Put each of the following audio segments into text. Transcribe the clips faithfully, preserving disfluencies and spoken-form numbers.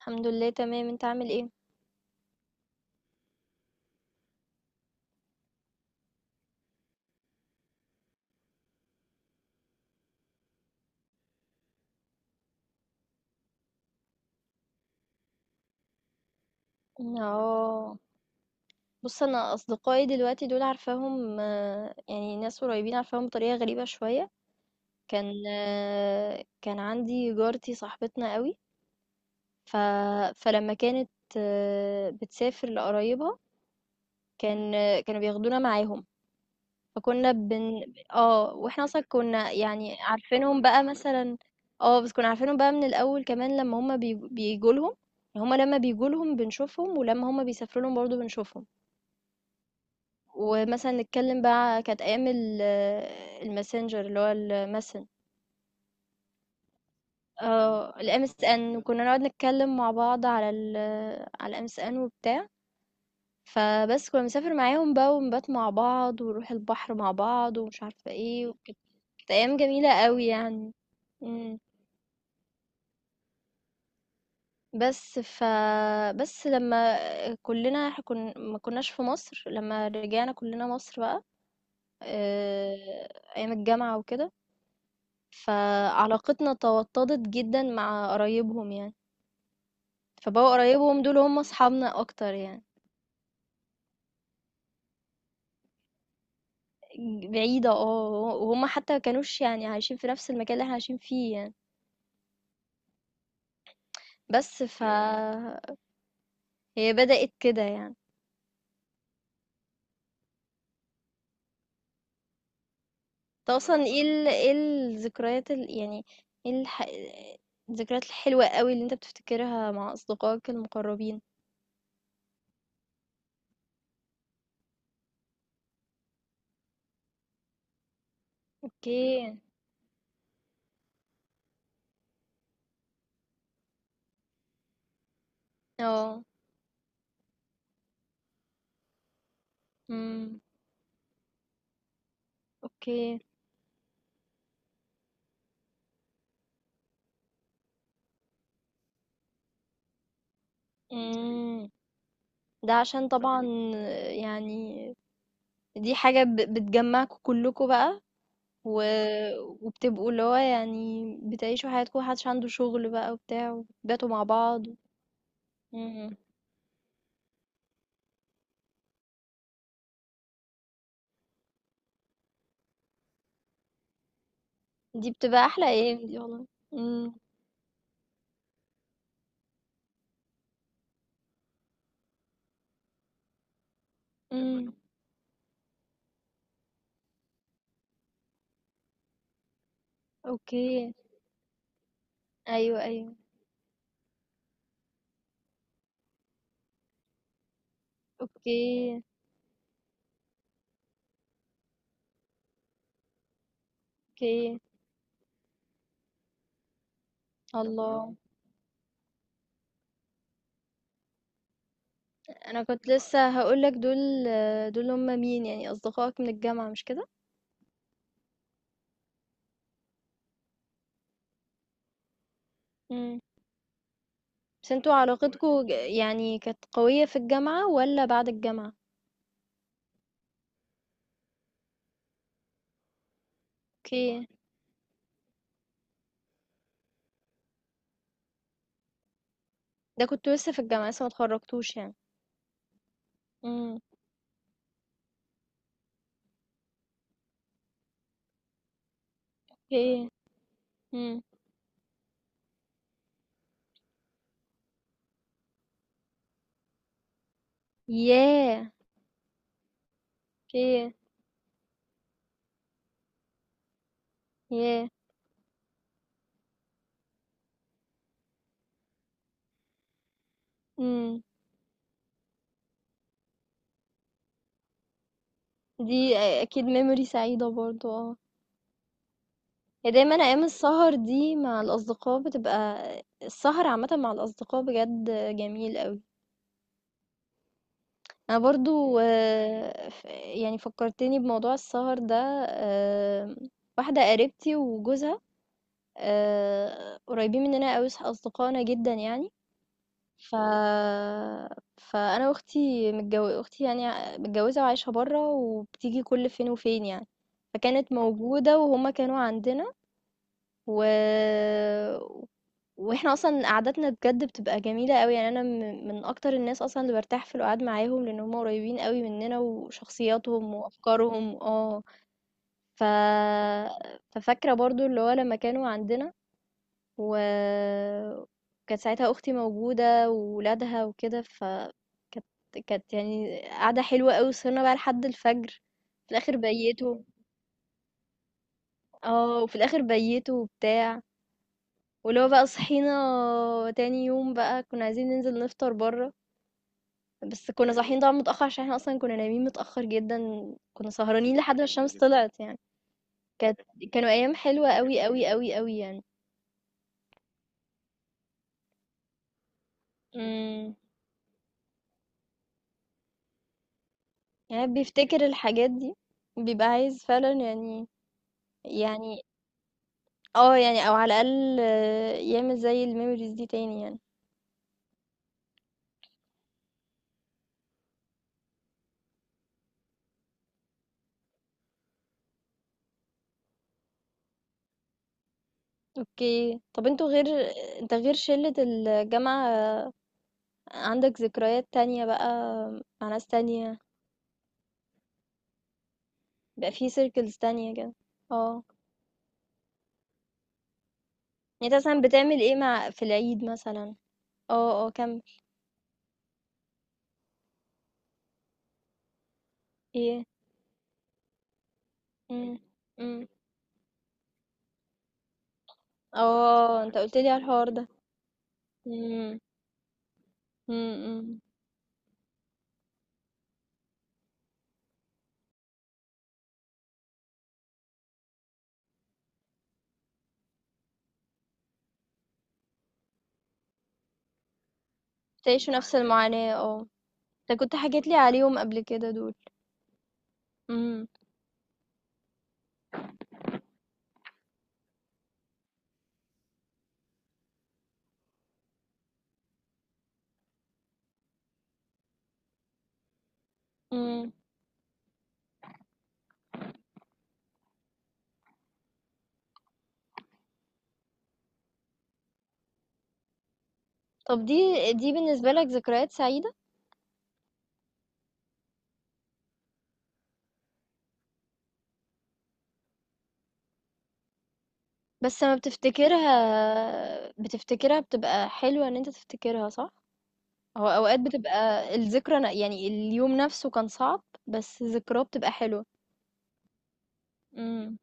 الحمد لله تمام، انت عامل ايه؟ اه، بص، انا اصدقائي دلوقتي دول عارفاهم، آه، يعني ناس قريبين عارفاهم بطريقه غريبه شويه. كان آه، كان عندي جارتي صاحبتنا قوي. ف... فلما كانت آه، بتسافر لقرايبها، كان آه، كانوا بياخدونا معاهم. فكنا بن اه واحنا اصلا كنا يعني عارفينهم بقى مثلا. اه، بس كنا عارفينهم بقى من الاول كمان لما هما بيجوا لهم. هما لما بيجوا لهم بنشوفهم، ولما هما بيسافروا لهم برضه بنشوفهم. ومثلًا نتكلّم بقى. كانت أيام ال الMessenger، اللي هو الMessen آه، الMSN، وكنّا نقعد نتكلّم مع بعض على ال على الMSN وبتاع. فبس كنّا بنسافر معاهم بقى ونبات مع بعض ونروح البحر مع بعض ومش عارفة إيه وكده. كانت أيام جميلة أوي يعني. إمم. بس ف بس لمّا كُلّنا إح كن ما كناش في مصر، لمّا رجعنا كُلّنا مصر بقى. آآ، أيام الجامعة وكده. فعلاقتنا توطّدت جدًا مع قرايبهم يعني. فبقوا قرايبهم دول هم أصحابنا أكتر يعني. بعيدة آه، و وهُم حتى ما كانوش يعني عايشين في نفس المكان اللي إحنا عايشين فيه يعني. بس ياه! فهي بدأت كده يعني. أنت أصلًا إيه ال إيه الذكريات ال يعني إيه الح الذكريات الحلوة أوي اللي أنت بتفتكرها مع أصدقائك المقربين؟ أوكي. آه. إمم. أوكي. إمم. ده عشان تمام. طبعًا يعني دي حاجة ب- بتجمعكوا كلكوا بقى. و... وبتبقوا اللي هو يعني بتعيشوا حياتكم، محدش عنده شغل بقى وبتاع، وبتباتوا مع بعض. مم. دي بتبقى أحلى أيام دي والله. مم. مم. أوكي. أيوه أيوه. أوكي. أوكي. الله. أنا كنت لسه هقولك، دول دول هما مين يعني؟ أصدقائك من الجامعة مش كده؟ مم. بس انتوا علاقتكوا ج- يعني كانت قوية في الجامعة ولا بعد الجامعة؟ أوكي. ده كنت لسه في الجامعة، لسه ما اتخرجتوش يعني. إمم. أوكي. إمم. ياه! أوكي. ياه! إمم. دي أ أكيد memory سعيدة برضه آه. هي دايمًا أيام السهر دي مع الأصدقاء بتبقى، السهر عامةً مع الأصدقاء بجد جميل أوي. أنا برضه. ف يعني فكّرتني بموضوع السهر ده. آمم، واحدة قريبتي وجوزها آآ، قريبين مننا أوي، ص أصدقائنا جدًا يعني. ف فأنا وأختي، متجو أختي يعني ع متجوزة وعايشة برّه، وبتيجي كل فين وفين يعني. فكانت موجودة وهُم كانوا عندنا. و وإحنا أصلًا قعدتنا بجد بتبقى جميلة أوي، يعني أنا م من أكتر الناس أصلًا اللي بارتاح في القعاد معاهم، لإن هُم قريبين أوي مننا وشخصياتهم وأفكارهم آه. ف ففاكرة برضه اللي هو لمّا كانوا عندنا، وكانت ساعتها أختي موجودة وولادها وكده. فكانت كانت يعني قعدة حلوة أوي، وسهرنا بقى لحد الفجر. في الآخر بيتوا. اه وفي الآخر بيتوا وبتاع. ولو بقى صحينا تاني يوم بقى، كنا عايزين ننزل نفطر برا، بس كنا صاحيين طبعا متأخر، عشان احنا أصلا كنا نايمين متأخر جدا. كنا سهرانين لحد ما الشمس طلعت يعني. كانت كانوا أيام حلوة أوي أوي أوي أوي يعني. امم. يعني بيفتكر الحاجات دي، بيبقى عايز فعلا يعني. يعني اه يعني او على الاقل آه، يعمل زي الميموريز دي تاني يعني. اوكي. طب انتوا غير انت غير شلة الجامعة آه، عندك ذكريات تانية بقى مع ناس تانية، بقى في سيركلز تانية كده؟ اه. يعني انت مثلا بتعمل ايه مع، في العيد مثلا؟ اه اه كمل. ايه. امم. امم. اه انت قلت لي على الحوار ده. امم. امم. تعيشوا نفس المعاناة اه. انت كنت حكيت لي عليهم قبل كده دول. امم. طب دي دي بالنسبة لك ذكريات سعيدة؟ بس لما بتفتكرها، بتفتكرها بتبقى حلوة ان انت تفتكرها صح. هو اوقات بتبقى الذكرى ن- يعني اليوم نفسه كان صعب بس ذكراه بتبقى حلوة. امم.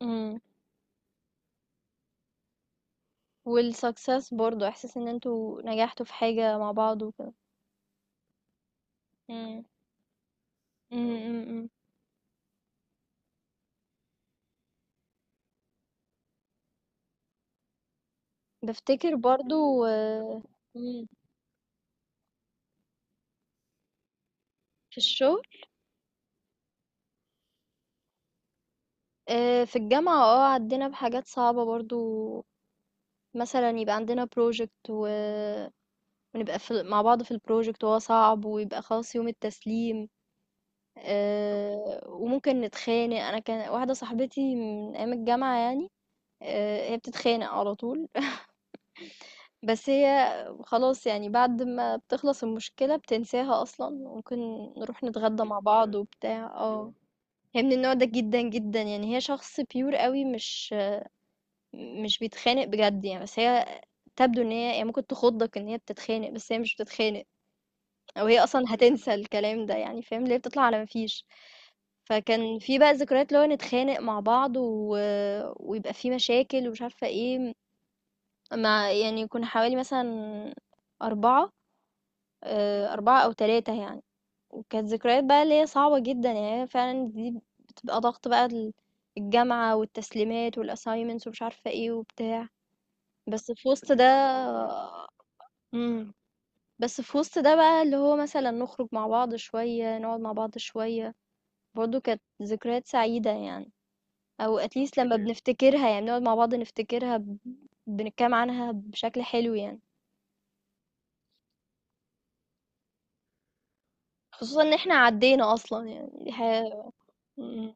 امم. والسكسس برضو، احساس ان انتوا نجحتوا في حاجة مع بعض وكده. امم. امم امم، امم. بفتكر برضو آه. مم. في الشغل؟ آه، في الجامعة اه عدينا بحاجات صعبة برضو. مثلا يبقى عندنا بروجكت، ونبقى في مع بعض في البروجكت وهو صعب، ويبقى خلاص يوم التسليم آه، وممكن نتخانق. انا كان واحده صاحبتي من ايام الجامعه يعني آه، هي بتتخانق على طول. بس هي خلاص يعني بعد ما بتخلص المشكله بتنساها اصلا. ممكن نروح نتغدى مع بعض وبتاع اه. هي من النوع ده جدا جدا يعني. هي شخص بيور قوي، مش مش بيتخانق بجد يعني. بس هي تبدو ان هي يعني ممكن تخضك ان هي بتتخانق، بس هي مش بتتخانق. وهي أصلًا هتنسى الكلام ده يعني، فاهم، اللي هي بتطلع على ما فيش. فكان في بقى ذكريات اللي هو نتخانق مع بعض، و ويبقى في مشاكل ومش عارفة إيه، مع، يعني كنا حوالي مثلًا أربعة، آآ أربعة أو تلاتة يعني. وكانت ذكريات بقى اللي هي صعبة جدًا، يعني هي فعلًا دي بتبقى ضغط بقى، ال الجامعة والتسليمات والassignments ومش عارفة إيه وبتاع. بس في وسط ده إمم، بس في وسط ده بقى اللي هو مثلًا نخرج مع بعض شوية، نقعد مع بعض شوية. برضه كانت ذكريات سعيدة يعني. أو اتليست لما مم. بنفتكرها، يعني بنقعد مع بعض نفتكرها ب- بنتكلم عنها بشكل حلو يعني. خصوصا ان احنا عدينا اصلا، يعني دي حاجة. مم.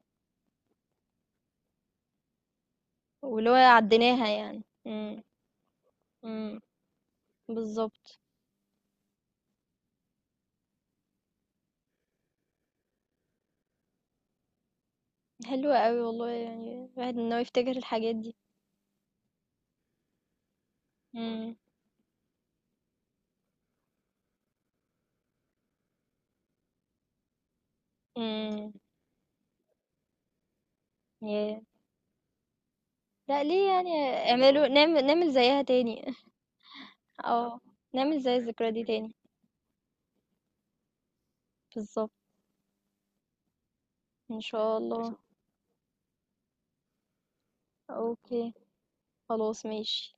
واللي هو عديناها يعني. مم. مم. بالظبط. حلوة قوي والله، يعني الواحد ان هو يفتكر الحاجات دي. مم. مم. ياه. لا ليه يعني؟ اعملوا نعمل نعمل زيها تاني. اه نعمل زي الذكرى دي تاني. بالظبط. ان شاء الله. اوكي خلاص ماشي.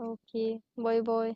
أوكي، باي باي.